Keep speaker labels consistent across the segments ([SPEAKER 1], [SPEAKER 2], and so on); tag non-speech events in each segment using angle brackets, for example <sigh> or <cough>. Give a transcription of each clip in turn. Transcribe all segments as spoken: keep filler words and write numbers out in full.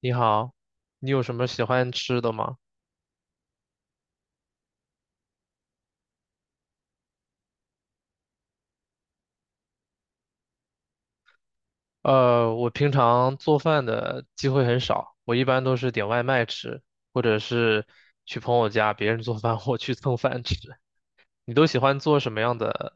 [SPEAKER 1] 你好，你有什么喜欢吃的吗？呃，我平常做饭的机会很少，我一般都是点外卖吃，或者是去朋友家别人做饭，我去蹭饭吃。你都喜欢做什么样的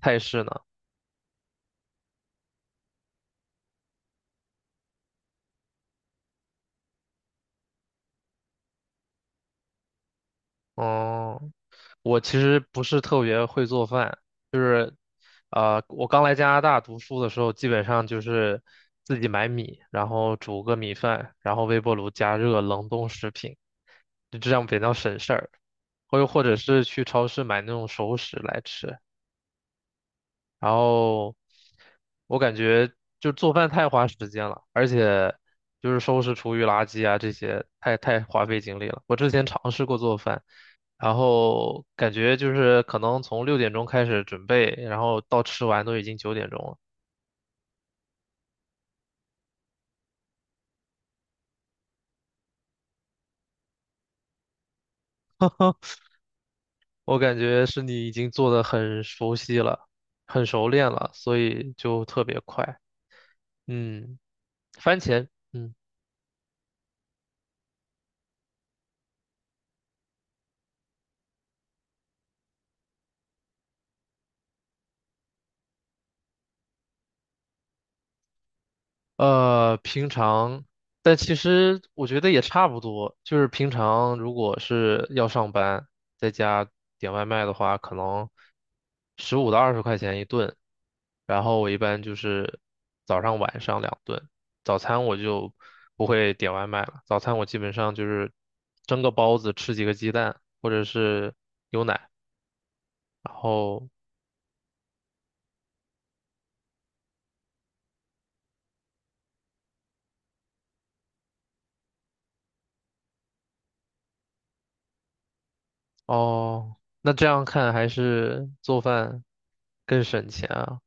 [SPEAKER 1] 菜式呢？哦，我其实不是特别会做饭，呃，我刚来加拿大读书的时候，基本上就是自己买米，然后煮个米饭，然后微波炉加热冷冻食品，就这样比较省事儿。或又或者是去超市买那种熟食来吃。然后我感觉就做饭太花时间了，而且就是收拾厨余垃圾啊这些太太花费精力了。我之前尝试过做饭。然后感觉就是可能从六点钟开始准备，然后到吃完都已经九点钟了。我感觉是你已经做的很熟悉了，很熟练了，所以就特别快。嗯，番茄，嗯。呃，平常，但其实我觉得也差不多。就是平常如果是要上班，在家点外卖的话，可能十五到二十块钱一顿。然后我一般就是早上晚上两顿，早餐我就不会点外卖了。早餐我基本上就是蒸个包子，吃几个鸡蛋，或者是牛奶。然后哦，那这样看还是做饭更省钱啊。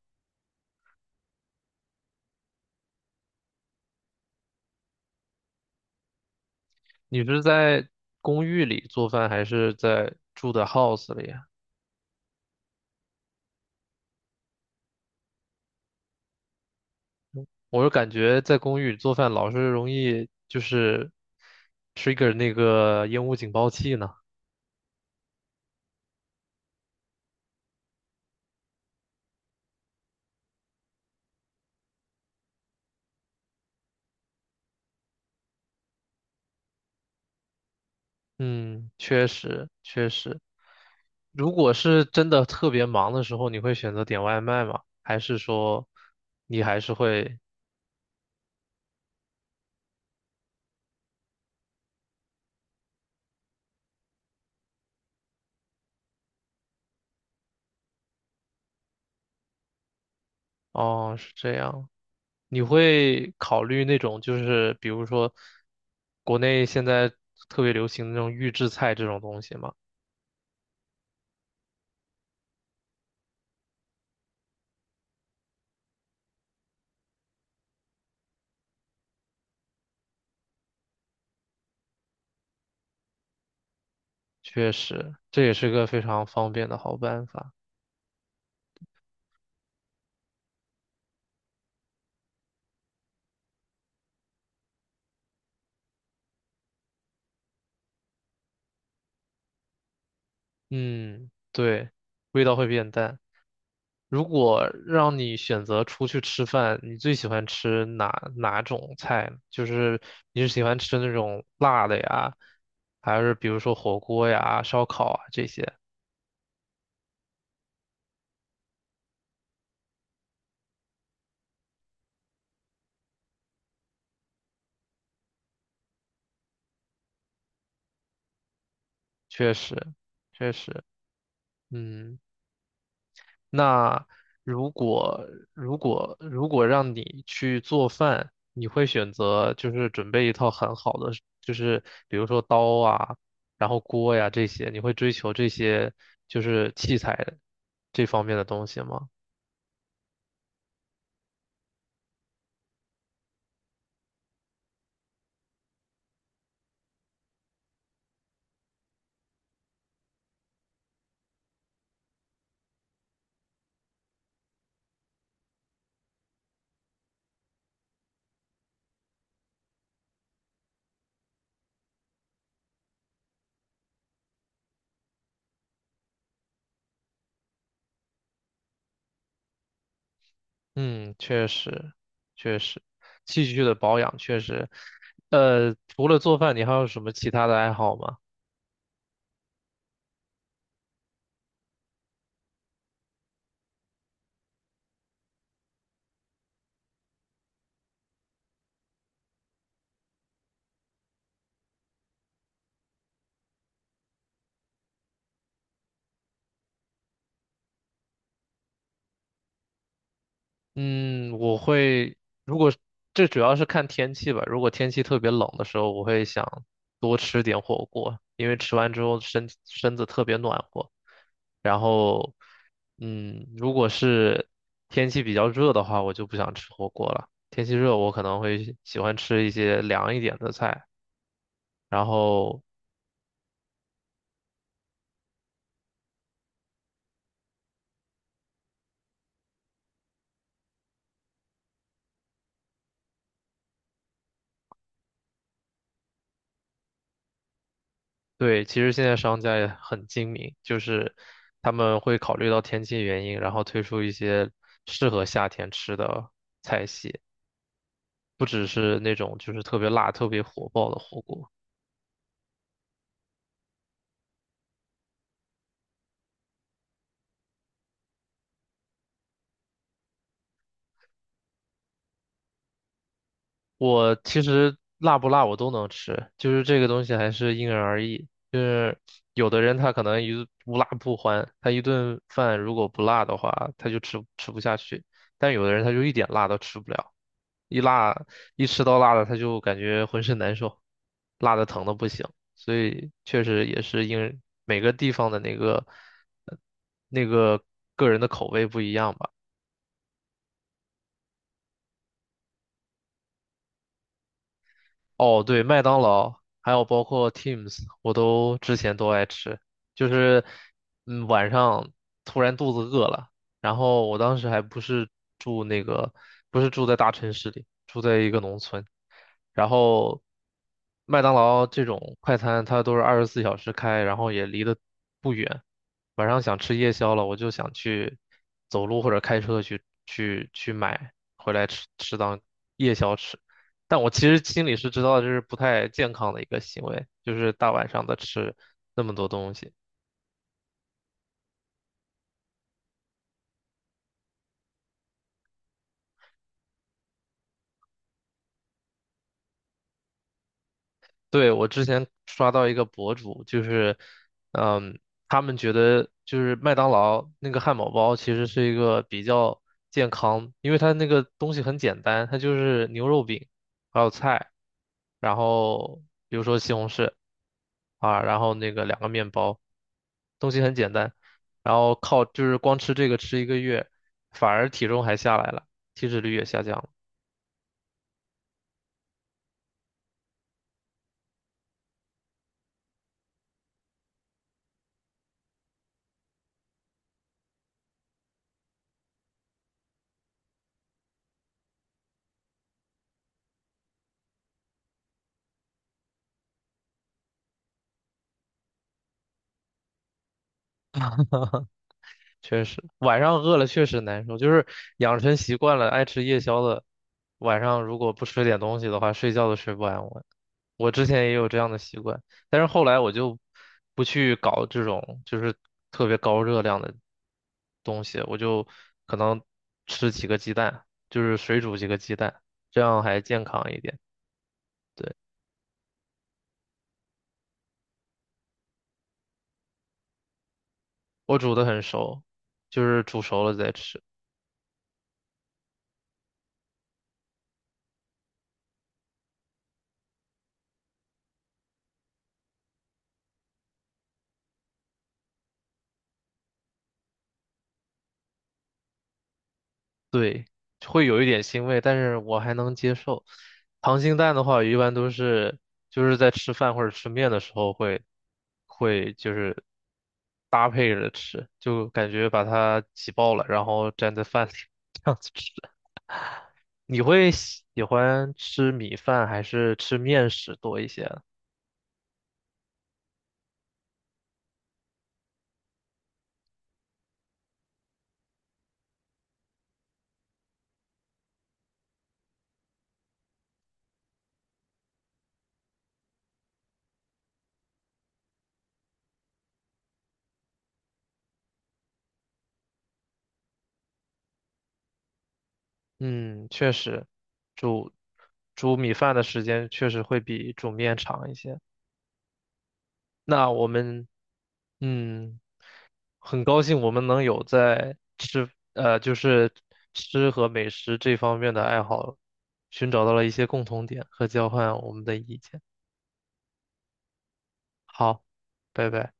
[SPEAKER 1] 你是在公寓里做饭，还是在住的 house 里啊？我是感觉在公寓里做饭老是容易就是 trigger 那个烟雾警报器呢。嗯，确实确实。如果是真的特别忙的时候，你会选择点外卖吗？还是说你还是会？哦，是这样。你会考虑那种就是比如说国内现在特别流行的那种预制菜这种东西吗？确实，这也是个非常方便的好办法。嗯，对，味道会变淡。如果让你选择出去吃饭，你最喜欢吃哪哪种菜呢就是你是喜欢吃那种辣的呀，还是比如说火锅呀、烧烤啊这些？确实，确实，嗯。那如果如果如果让你去做饭，你会选择就是准备一套很好的，就是比如说刀啊，然后锅呀这些，你会追求这些就是器材这方面的东西吗？嗯，确实，确实，器具的保养确实，呃，除了做饭，你还有什么其他的爱好吗？嗯，我会，如果这主要是看天气吧。如果天气特别冷的时候，我会想多吃点火锅，因为吃完之后身身子特别暖和。然后，嗯，如果是天气比较热的话，我就不想吃火锅了。天气热，我可能会喜欢吃一些凉一点的菜，然后对，其实现在商家也很精明，就是他们会考虑到天气原因，然后推出一些适合夏天吃的菜系，不只是那种就是特别辣、特别火爆的火锅。我其实辣不辣我都能吃，就是这个东西还是因人而异。就是有的人他可能一无辣不欢，他一顿饭如果不辣的话，他就吃吃不下去；但有的人他就一点辣都吃不了。一辣一吃到辣的，他就感觉浑身难受，辣的疼的不行。所以确实也是因每个地方的那个呃那个个人的口味不一样吧。哦，对，麦当劳，还有包括 Teams,我都之前都爱吃。就是，嗯，晚上突然肚子饿了，然后我当时还不是住那个，不是住在大城市里，住在一个农村。然后，麦当劳这种快餐它都是二十四小时开，然后也离得不远。晚上想吃夜宵了，我就想去走路或者开车去去去买回来吃吃当夜宵吃。但我其实心里是知道这是不太健康的一个行为，就是大晚上的吃那么多东西。对，我之前刷到一个博主，就是，嗯，他们觉得就是麦当劳那个汉堡包其实是一个比较健康，因为它那个东西很简单，它就是牛肉饼，还有菜，然后比如说西红柿啊，然后那个两个面包，东西很简单，然后靠就是光吃这个吃一个月，反而体重还下来了，体脂率也下降了。确实，晚上饿了确实难受，就是养成习惯了爱吃夜宵的，晚上如果不吃点东西的话，睡觉都睡不安稳。我之前也有这样的习惯，但是后来我就不去搞这种就是特别高热量的东西，我就可能吃几个鸡蛋，就是水煮几个鸡蛋，这样还健康一点。对，我煮的很熟，就是煮熟了再吃。对，会有一点腥味，但是我还能接受。溏心蛋的话，一般都是就是在吃饭或者吃面的时候会会就是搭配着吃，就感觉把它挤爆了，然后蘸在饭里 <laughs> 这样子吃。你会喜欢吃米饭还是吃面食多一些啊？嗯，确实，煮煮米饭的时间确实会比煮面长一些。那我们嗯。很高兴我们能有在吃，呃，就是吃和美食这方面的爱好，寻找到了一些共同点和交换我们的意见。好，拜拜。